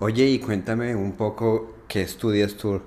Oye, y cuéntame un poco qué estudias tú.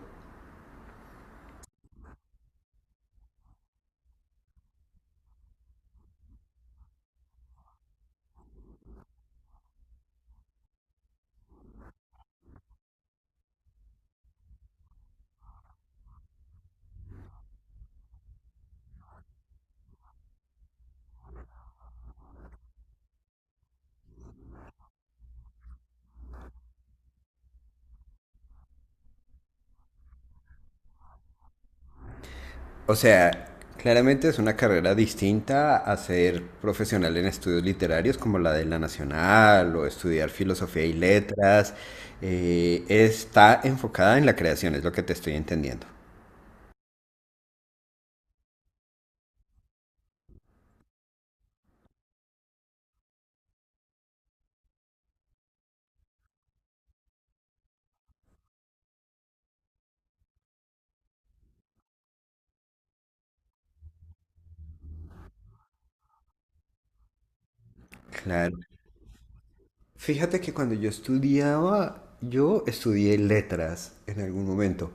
O sea, claramente es una carrera distinta a ser profesional en estudios literarios como la de la Nacional o estudiar filosofía y letras. Está enfocada en la creación, es lo que te estoy entendiendo. Claro. Fíjate que cuando yo estudiaba, yo estudié letras en algún momento,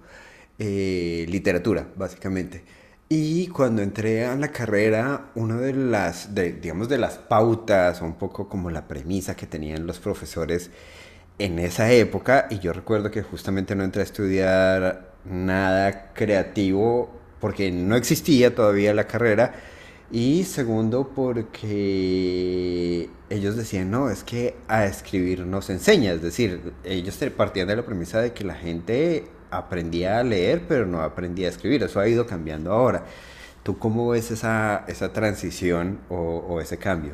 literatura, básicamente. Y cuando entré a la carrera, una de las, de- digamos, de las pautas, o un poco como la premisa que tenían los profesores en esa época, y yo recuerdo que justamente no entré a estudiar nada creativo porque no existía todavía la carrera, y segundo, porque ellos decían, no, es que a escribir no se enseña. Es decir, partían de la premisa de que la gente aprendía a leer, pero no aprendía a escribir. Eso ha ido cambiando ahora. ¿Tú cómo ves esa transición o ese cambio?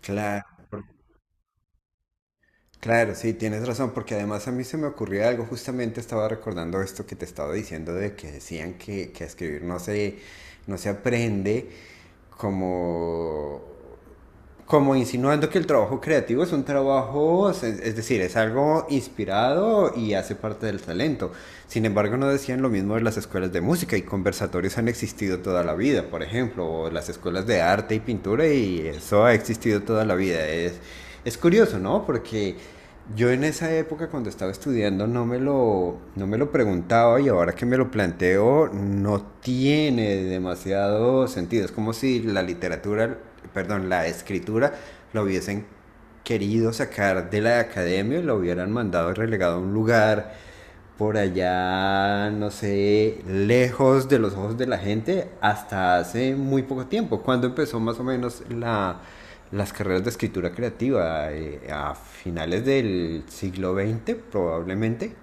Claro, claro, sí, tienes razón, porque además a mí se me ocurrió algo, justamente estaba recordando esto que te estaba diciendo de que decían que a escribir no se aprende como como insinuando que el trabajo creativo es un trabajo, es decir, es algo inspirado y hace parte del talento. Sin embargo, no decían lo mismo de las escuelas de música y conversatorios han existido toda la vida, por ejemplo, o las escuelas de arte y pintura y eso ha existido toda la vida. Es curioso, ¿no? Porque yo en esa época cuando estaba estudiando no me lo preguntaba y ahora que me lo planteo no tiene demasiado sentido. Es como si la literatura perdón, la escritura, lo hubiesen querido sacar de la academia, y lo hubieran mandado relegado a un lugar por allá, no sé, lejos de los ojos de la gente, hasta hace muy poco tiempo, cuando empezó más o menos la, las carreras de escritura creativa, a finales del siglo XX probablemente.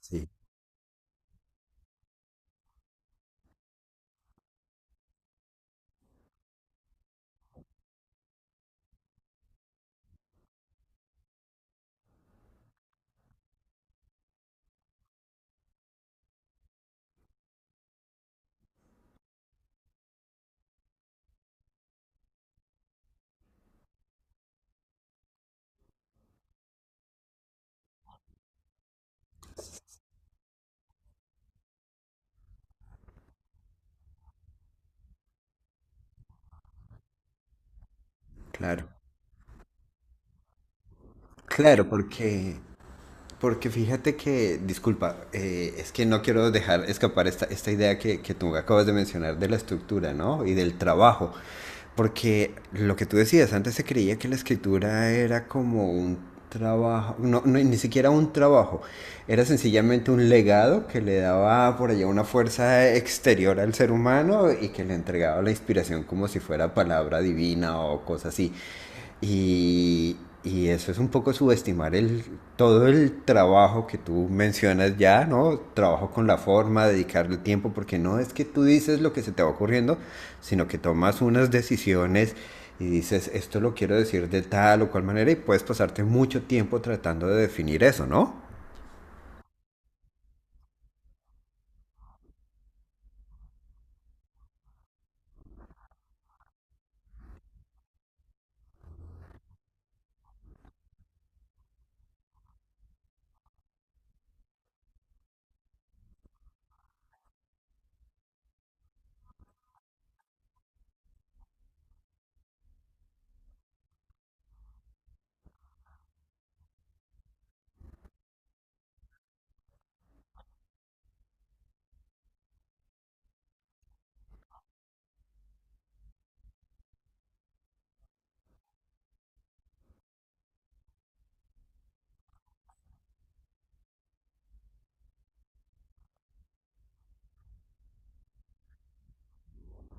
Sí, claro. Claro, porque porque fíjate que, disculpa, es que no quiero dejar escapar esta idea que tú acabas de mencionar de la estructura, ¿no? Y del trabajo. Porque lo que tú decías, antes se creía que la escritura era como un trabajo, no, ni siquiera un trabajo, era sencillamente un legado que le daba por allá una fuerza exterior al ser humano y que le entregaba la inspiración como si fuera palabra divina o cosa así. Y, y eso es un poco subestimar todo el trabajo que tú mencionas ya, ¿no? Trabajo con la forma, dedicarle tiempo, porque no es que tú dices lo que se te va ocurriendo, sino que tomas unas decisiones y dices, esto lo quiero decir de tal o cual manera y puedes pasarte mucho tiempo tratando de definir eso, ¿no?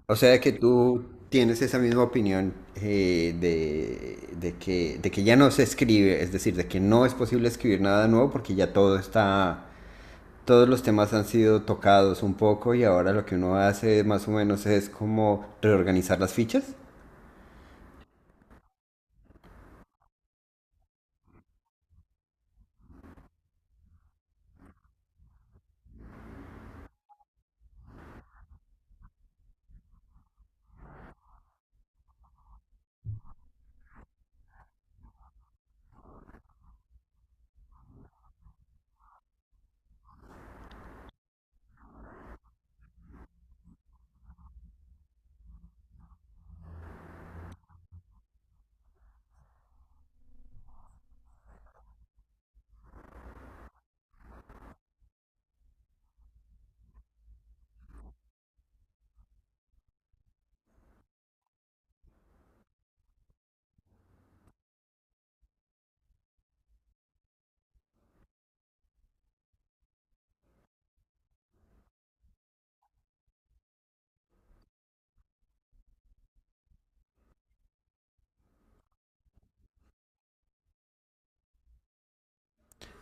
O sea que tú tienes esa misma opinión de que ya no se escribe, es decir, de que no es posible escribir nada nuevo porque ya todo está todos los temas han sido tocados un poco y ahora lo que uno hace más o menos es como reorganizar las fichas.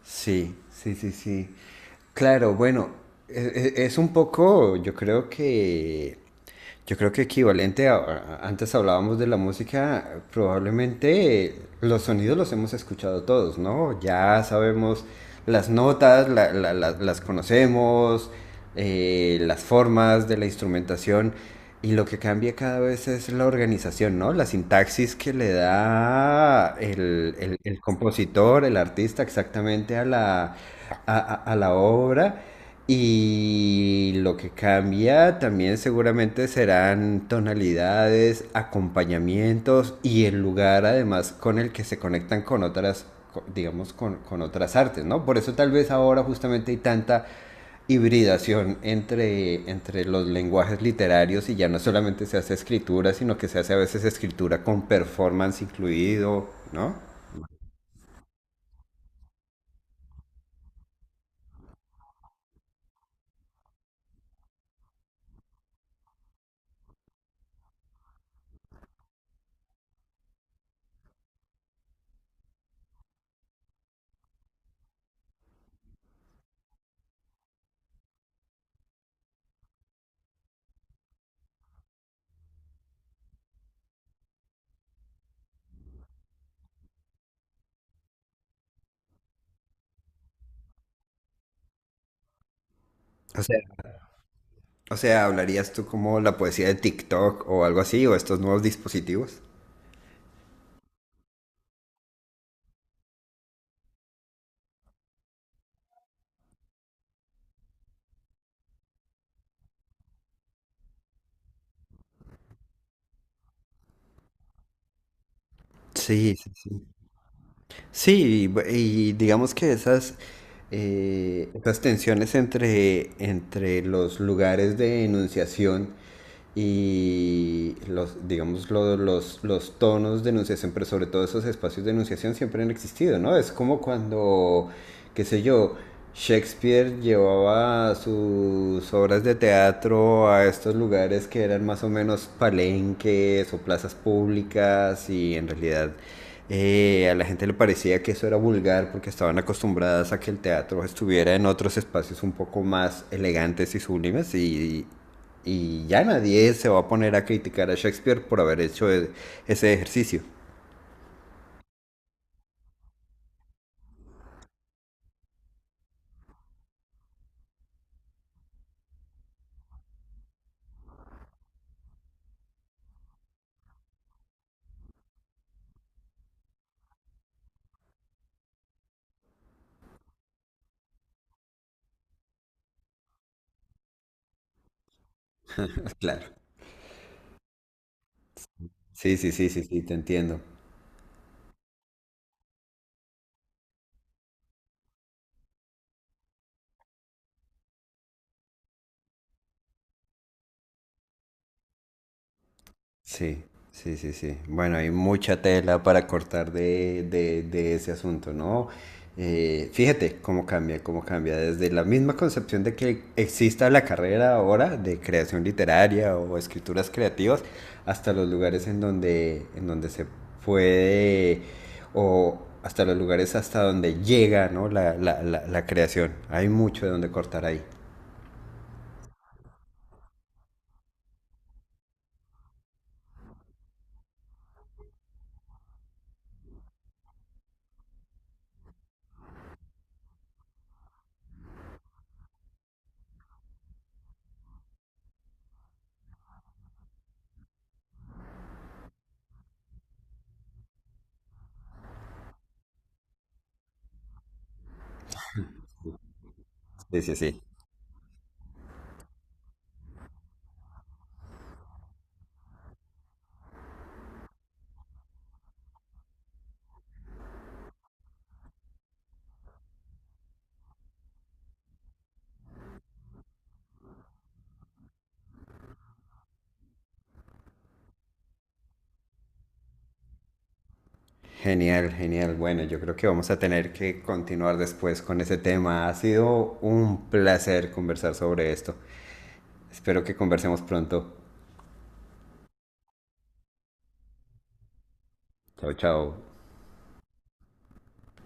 Sí, sí, sí, sí. Claro, bueno, es un poco, yo creo que yo creo que equivalente antes hablábamos de la música, probablemente los sonidos los hemos escuchado todos, ¿no? Ya sabemos las notas, las conocemos, las formas de la instrumentación y lo que cambia cada vez es la organización, ¿no? La sintaxis que le da el compositor, el artista exactamente a la, a la obra. Y lo que cambia también seguramente serán tonalidades, acompañamientos y el lugar además con el que se conectan con otras, digamos, con otras artes, ¿no? Por eso tal vez ahora justamente hay tanta hibridación entre los lenguajes literarios y ya no solamente se hace escritura, sino que se hace a veces escritura con performance incluido, ¿no? O sea, o sea, ¿hablarías tú como la poesía de TikTok o algo así, o estos nuevos dispositivos? Sí, sí, sí. Sí, y digamos que esas, esas tensiones entre los lugares de enunciación y los, digamos, los tonos de enunciación, pero sobre todo esos espacios de enunciación siempre han existido, ¿no? Es como cuando, qué sé yo, Shakespeare llevaba sus obras de teatro a estos lugares que eran más o menos palenques o plazas públicas y en realidad a la gente le parecía que eso era vulgar porque estaban acostumbradas a que el teatro estuviera en otros espacios un poco más elegantes y sublimes y ya nadie se va a poner a criticar a Shakespeare por haber hecho ese ejercicio. Claro. Sí, sí, sí, sí, sí, te entiendo. Sí, sí, sí, sí. Bueno, hay mucha tela para cortar de ese asunto, ¿no? Fíjate cómo cambia, cómo cambia. Desde la misma concepción de que exista la carrera ahora de creación literaria o escrituras creativas, hasta los lugares en donde se puede, o hasta los lugares hasta donde llega, ¿no? La creación. Hay mucho de donde cortar ahí. Sí, sí, sí. Genial, genial. Bueno, yo creo que vamos a tener que continuar después con ese tema. Ha sido un placer conversar sobre esto. Espero que conversemos pronto. Chao, chao.